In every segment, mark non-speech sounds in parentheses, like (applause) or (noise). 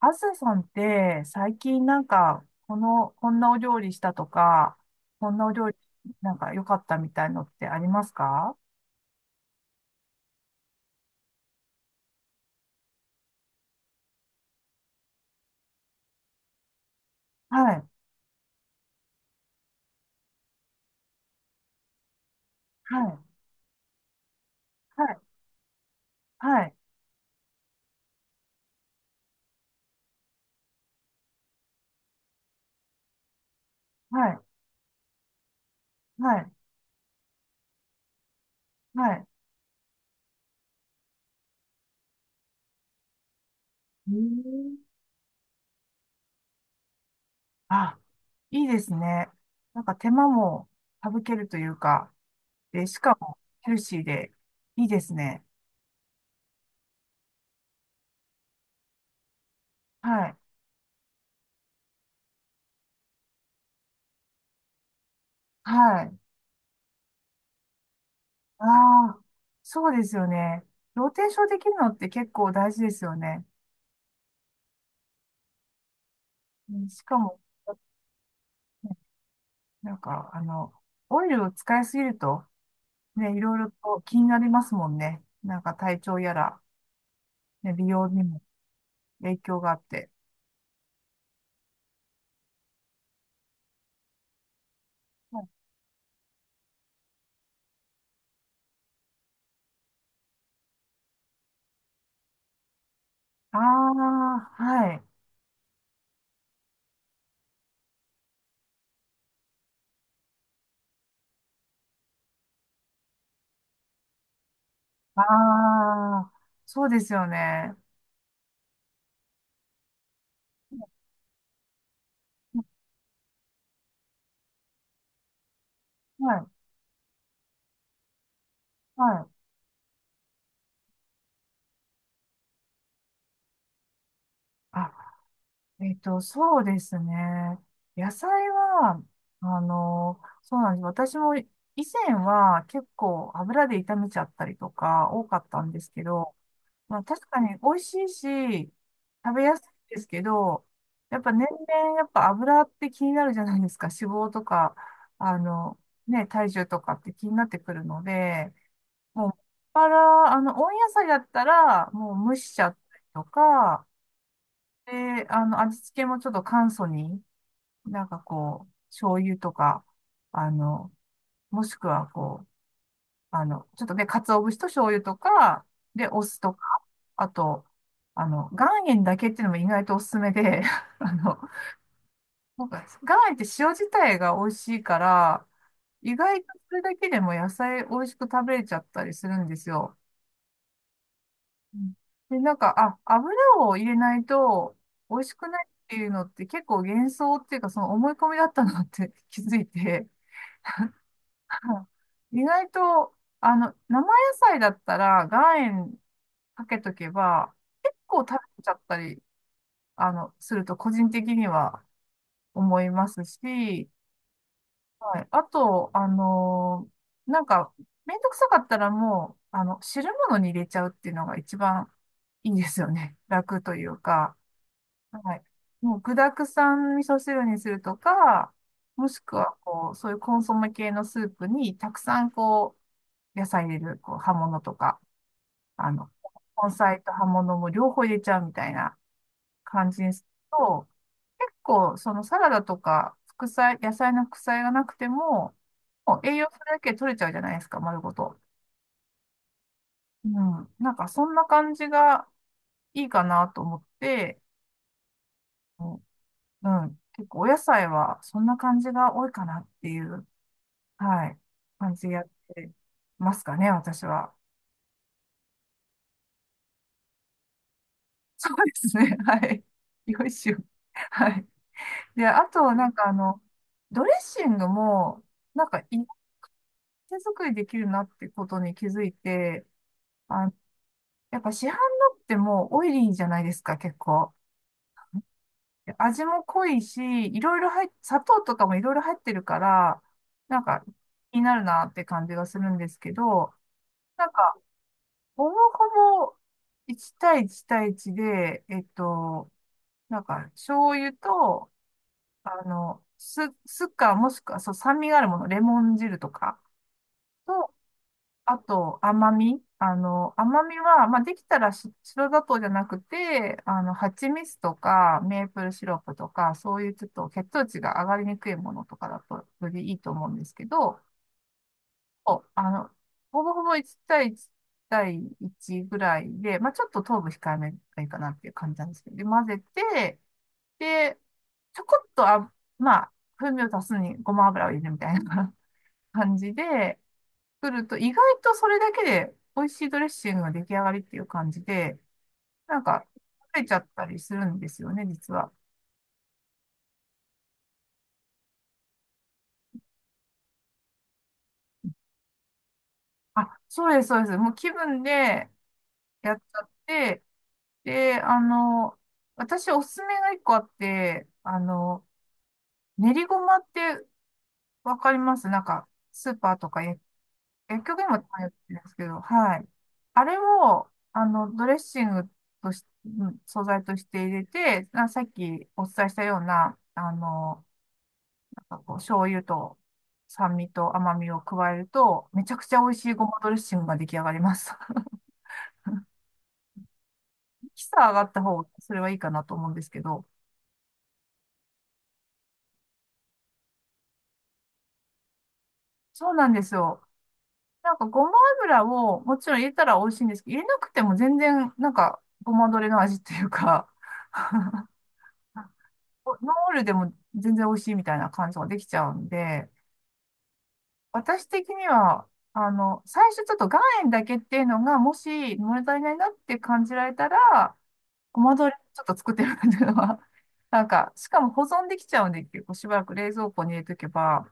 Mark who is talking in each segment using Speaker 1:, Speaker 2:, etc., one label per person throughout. Speaker 1: あずささんって最近こんなお料理したとか、こんなお料理良かったみたいのってありますか？はい、はい、はい、はい、はい、はい、はい。えーあ、いいですね。なんか手間も省けるというか、で、しかもヘルシーでいいですね。はい、はい。ああ、そうですよね。ローテーションできるのって結構大事ですよね。うん、しかも、なんか、あの、オイルを使いすぎると、ね、いろいろと気になりますもんね。なんか体調やら、ね、美容にも影響があって。ああー、はい。ああ、そうですよね。はい、はい。あ、そうですね。野菜は、あの、そうなんです。私も以前は結構油で炒めちゃったりとか多かったんですけど、まあ確かに美味しいし、食べやすいですけど、やっぱ年々やっぱ油って気になるじゃないですか。脂肪とか、あの、ね、体重とかって気になってくるので、もっぱら、あの、温野菜だったら、もう蒸しちゃったりとか、で、あの、味付けもちょっと簡素に、なんかこう、醤油とか、あの、もしくはこう、あの、ちょっとね鰹節と醤油とか、で、お酢とか、あと、あの、岩塩だけっていうのも意外とおすすめで、(laughs) あの、なんか岩塩って塩自体が美味しいから、意外とそれだけでも野菜美味しく食べれちゃったりするんですよ。うん、で、油を入れないと美味しくないっていうのって結構幻想っていうか、その思い込みだったなって (laughs) 気づいて、はい、意外と、あの、生野菜だったら岩塩かけとけば、結構食べちゃったり、あの、すると個人的には思いますし、はい。あと、あのー、なんか、めんどくさかったらもう、あの、汁物に入れちゃうっていうのが一番いいですよね。(laughs) 楽というか、はい。もう具沢山味噌汁にするとか、もしくは、こう、そういうコンソメ系のスープにたくさん、こう、野菜入れる、こう、葉物とか、あの、根菜と葉物も両方入れちゃうみたいな。感じですと、結構そのサラダとか副菜、野菜の副菜がなくても、もう栄養素だけ取れちゃうじゃないですか、丸ごと。うん。なんかそんな感じがいいかなと思って、うん。うん、結構お野菜はそんな感じが多いかなっていう、はい、感じでやってますかね、私は。そうですね、(laughs) はい。よいしょ。はい。で、あと、なんかあの、ドレッシングも、なんか手作りできるなってことに気づいて、あ、やっぱ市販のってもうオイリーじゃないですか、結構。で味も濃いし、いろいろ入っ、砂糖とかもいろいろ入ってるから、なんか気になるなって感じがするんですけど、なんか、ほぼほぼ1対1対1で、えっと、なんか、醤油と、あの、酢かもしくは、そう、酸味があるもの、レモン汁とか、あと、甘み。あの、甘みは、まあ、できたら白砂糖じゃなくて、あの、蜂蜜とか、メープルシロップとか、そういうちょっと血糖値が上がりにくいものとかだと、よりいいと思うんですけど、お、あの、ほぼほぼ1対1対1ぐらいで、まあ、ちょっと糖分控えめがいいかなっていう感じなんですけど、で、混ぜて、で、ちょこっとあ、まあ、風味を足すにごま油を入れるみたいな (laughs) 感じで、作ると、意外とそれだけで美味しいドレッシングが出来上がりっていう感じで、なんか、食べちゃったりするんですよね、実は。そうです、そうです。もう気分でやっちゃって、で、あの、私おすすめが一個あって、あの、練りごまってわかります、なんか、スーパーとか薬局にもたまに売ってるんですけど、はい。あれを、あの、ドレッシングとし、うん素材として入れて、さっきお伝えしたような、あの、こう醤油と酸味と甘みを加えると、めちゃくちゃ美味しいごまドレッシングが出来上がります。(laughs) キサ上がった方がそれはいいかなと思うんですけど。そうなんですよ。なんかごま油をもちろん入れたら美味しいんですけど、入れなくても全然なんかごまドレの味っていうか、ノーオイルでも全然美味しいみたいな感じができちゃうんで、私的には、あの、最初ちょっと岩塩だけっていうのが、もし物足りないなって感じられたら、ごま豆腐ちょっと作ってるっていうのは、(laughs) なんか、しかも保存できちゃうんで、結構しばらく冷蔵庫に入れとけば、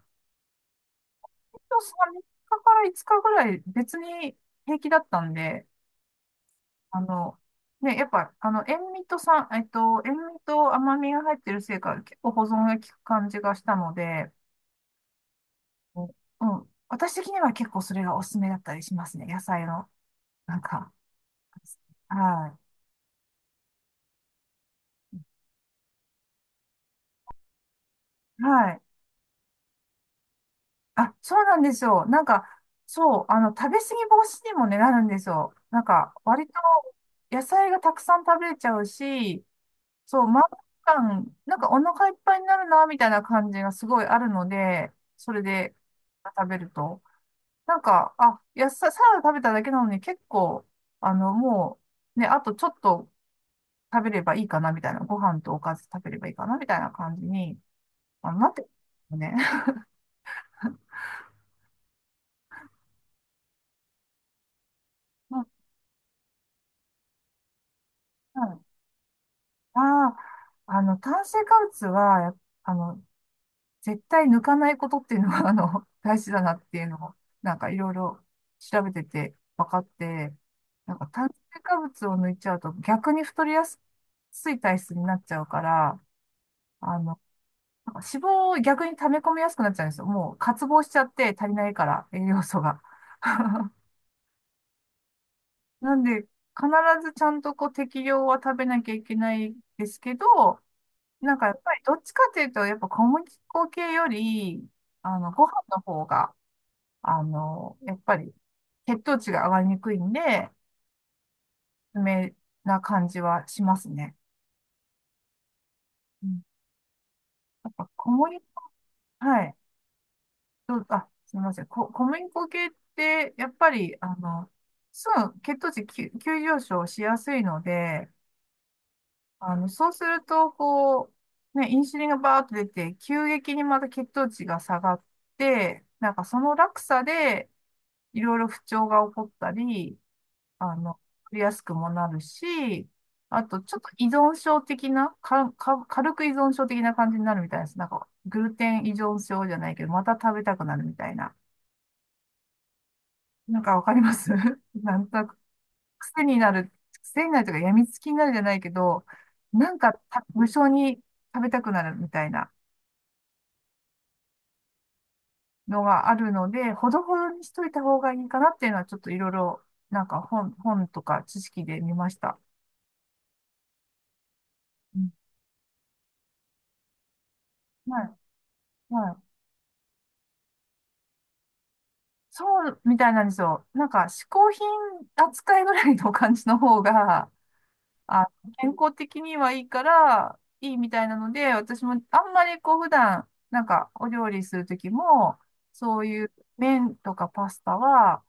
Speaker 1: 今日3日かから5日ぐらい別に平気だったんで、あの、ね、やっぱ、あの、塩味と甘みが入ってるせいか、結構保存が効く感じがしたので、うん、私的には結構それがおすすめだったりしますね、野菜の。なんか、はい。はい。あ、そうなんですよ。なんか、そう、あの、食べ過ぎ防止にもね、なるんですよ。なんか、割と野菜がたくさん食べれちゃうし、そう、満腹感、なんかお腹いっぱいになるな、みたいな感じがすごいあるので、それで食べると。なんか、あ、野菜、サラダ食べただけなのに結構、あの、もう、ね、あとちょっと食べればいいかな、みたいな。ご飯とおかず食べればいいかな、みたいな感じに、あの、なってるんですよね。(laughs) うん、うん、ああ、あの、炭水化物は、あの、絶対抜かないことっていうのが (laughs) あの、大事だなっていうのを、なんかいろいろ調べてて分かって、なんか炭水化物を抜いちゃうと逆に太りやすい体質になっちゃうから、あの、なんか脂肪を逆に溜め込みやすくなっちゃうんですよ。もう渇望しちゃって足りないから、栄養素が。なんで、必ずちゃんとこう適量は食べなきゃいけないですけど、なんかやっぱりどっちかというと、やっぱ小麦粉系より、あの、ご飯の方が、あの、やっぱり血糖値が上がりにくいんで、梅な感じはしますね。うん。やっぱ小麦、はい。どう、あ、すみません。小麦粉系って、やっぱり、あの、すぐ血糖値急、急上昇しやすいので、あの、そうすると、こう、ね、インシュリンがバーッと出て、急激にまた血糖値が下がって、なんかその落差で、いろいろ不調が起こったり、あの、取りやすくもなるし、あと、ちょっと依存症的な、か、か、軽く依存症的な感じになるみたいです。なんか、グルテン依存症じゃないけど、また食べたくなるみたいな。なんかわかります (laughs) なんとなく、癖になる、癖になるというか、病みつきになるじゃないけど、なんか無性に食べたくなるみたいなのがあるので、ほどほどにしといた方がいいかなっていうのは、ちょっといろいろ、本とか知識で見ました。うん、はいはい。そうみたいなんですよ。なんか、嗜好品扱いぐらいの感じの方が、あ、健康的にはいいから、いいみたいなので、私もあんまりこう、普段、なんか、お料理するときも、そういう麺とかパスタは、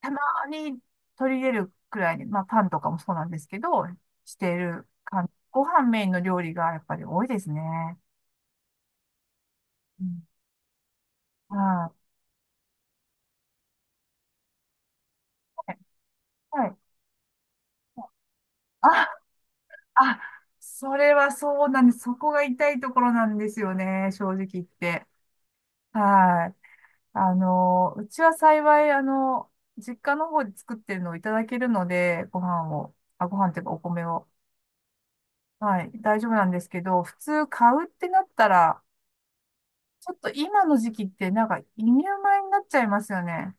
Speaker 1: たまに取り入れるくらいに、まあ、パンとかもそうなんですけど、している感じ。ご飯メインの料理がやっぱり多いですね。うん。はい。はい。はい。あ、あ、それはそうなんです。そこが痛いところなんですよね、正直言って。はい。あの、うちは幸い、あの、実家の方で作ってるのをいただけるので、ご飯を、あ、ご飯っていうかお米を。はい、大丈夫なんですけど、普通買うってなったら、ちょっと今の時期ってなんか輸入米になっちゃいますよね。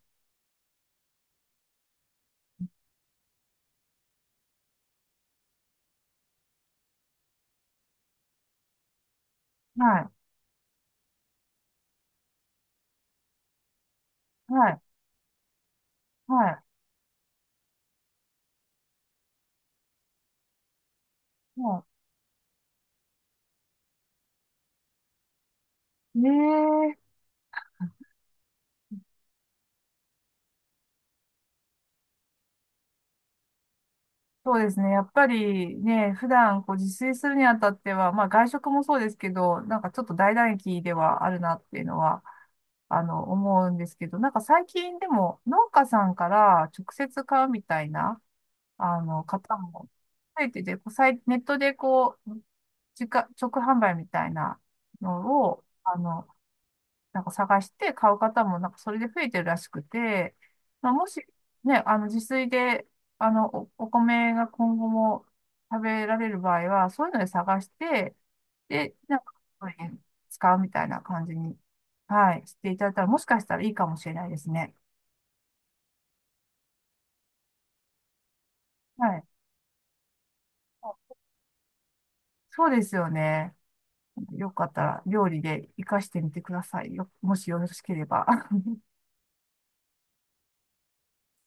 Speaker 1: はい、はい、はい、はい。ねえ、そうですね。やっぱりね、普段こう自炊するにあたっては、まあ外食もそうですけど、なんかちょっと大打撃ではあるなっていうのは、あの、思うんですけど、なんか最近でも農家さんから直接買うみたいな、あの、方も増えてて、こうさいネットでこう、直販売みたいなのを、あの、なんか探して買う方もなんかそれで増えてるらしくて、まあ、もしね、あの自炊で、あの、お米が今後も食べられる場合は、そういうので探して、で、なんか、そういうの使うみたいな感じに、はい、していただいたら、もしかしたらいいかもしれないですね。はい。そうですよね。よかったら料理で活かしてみてくださいよ。もしよろしければ。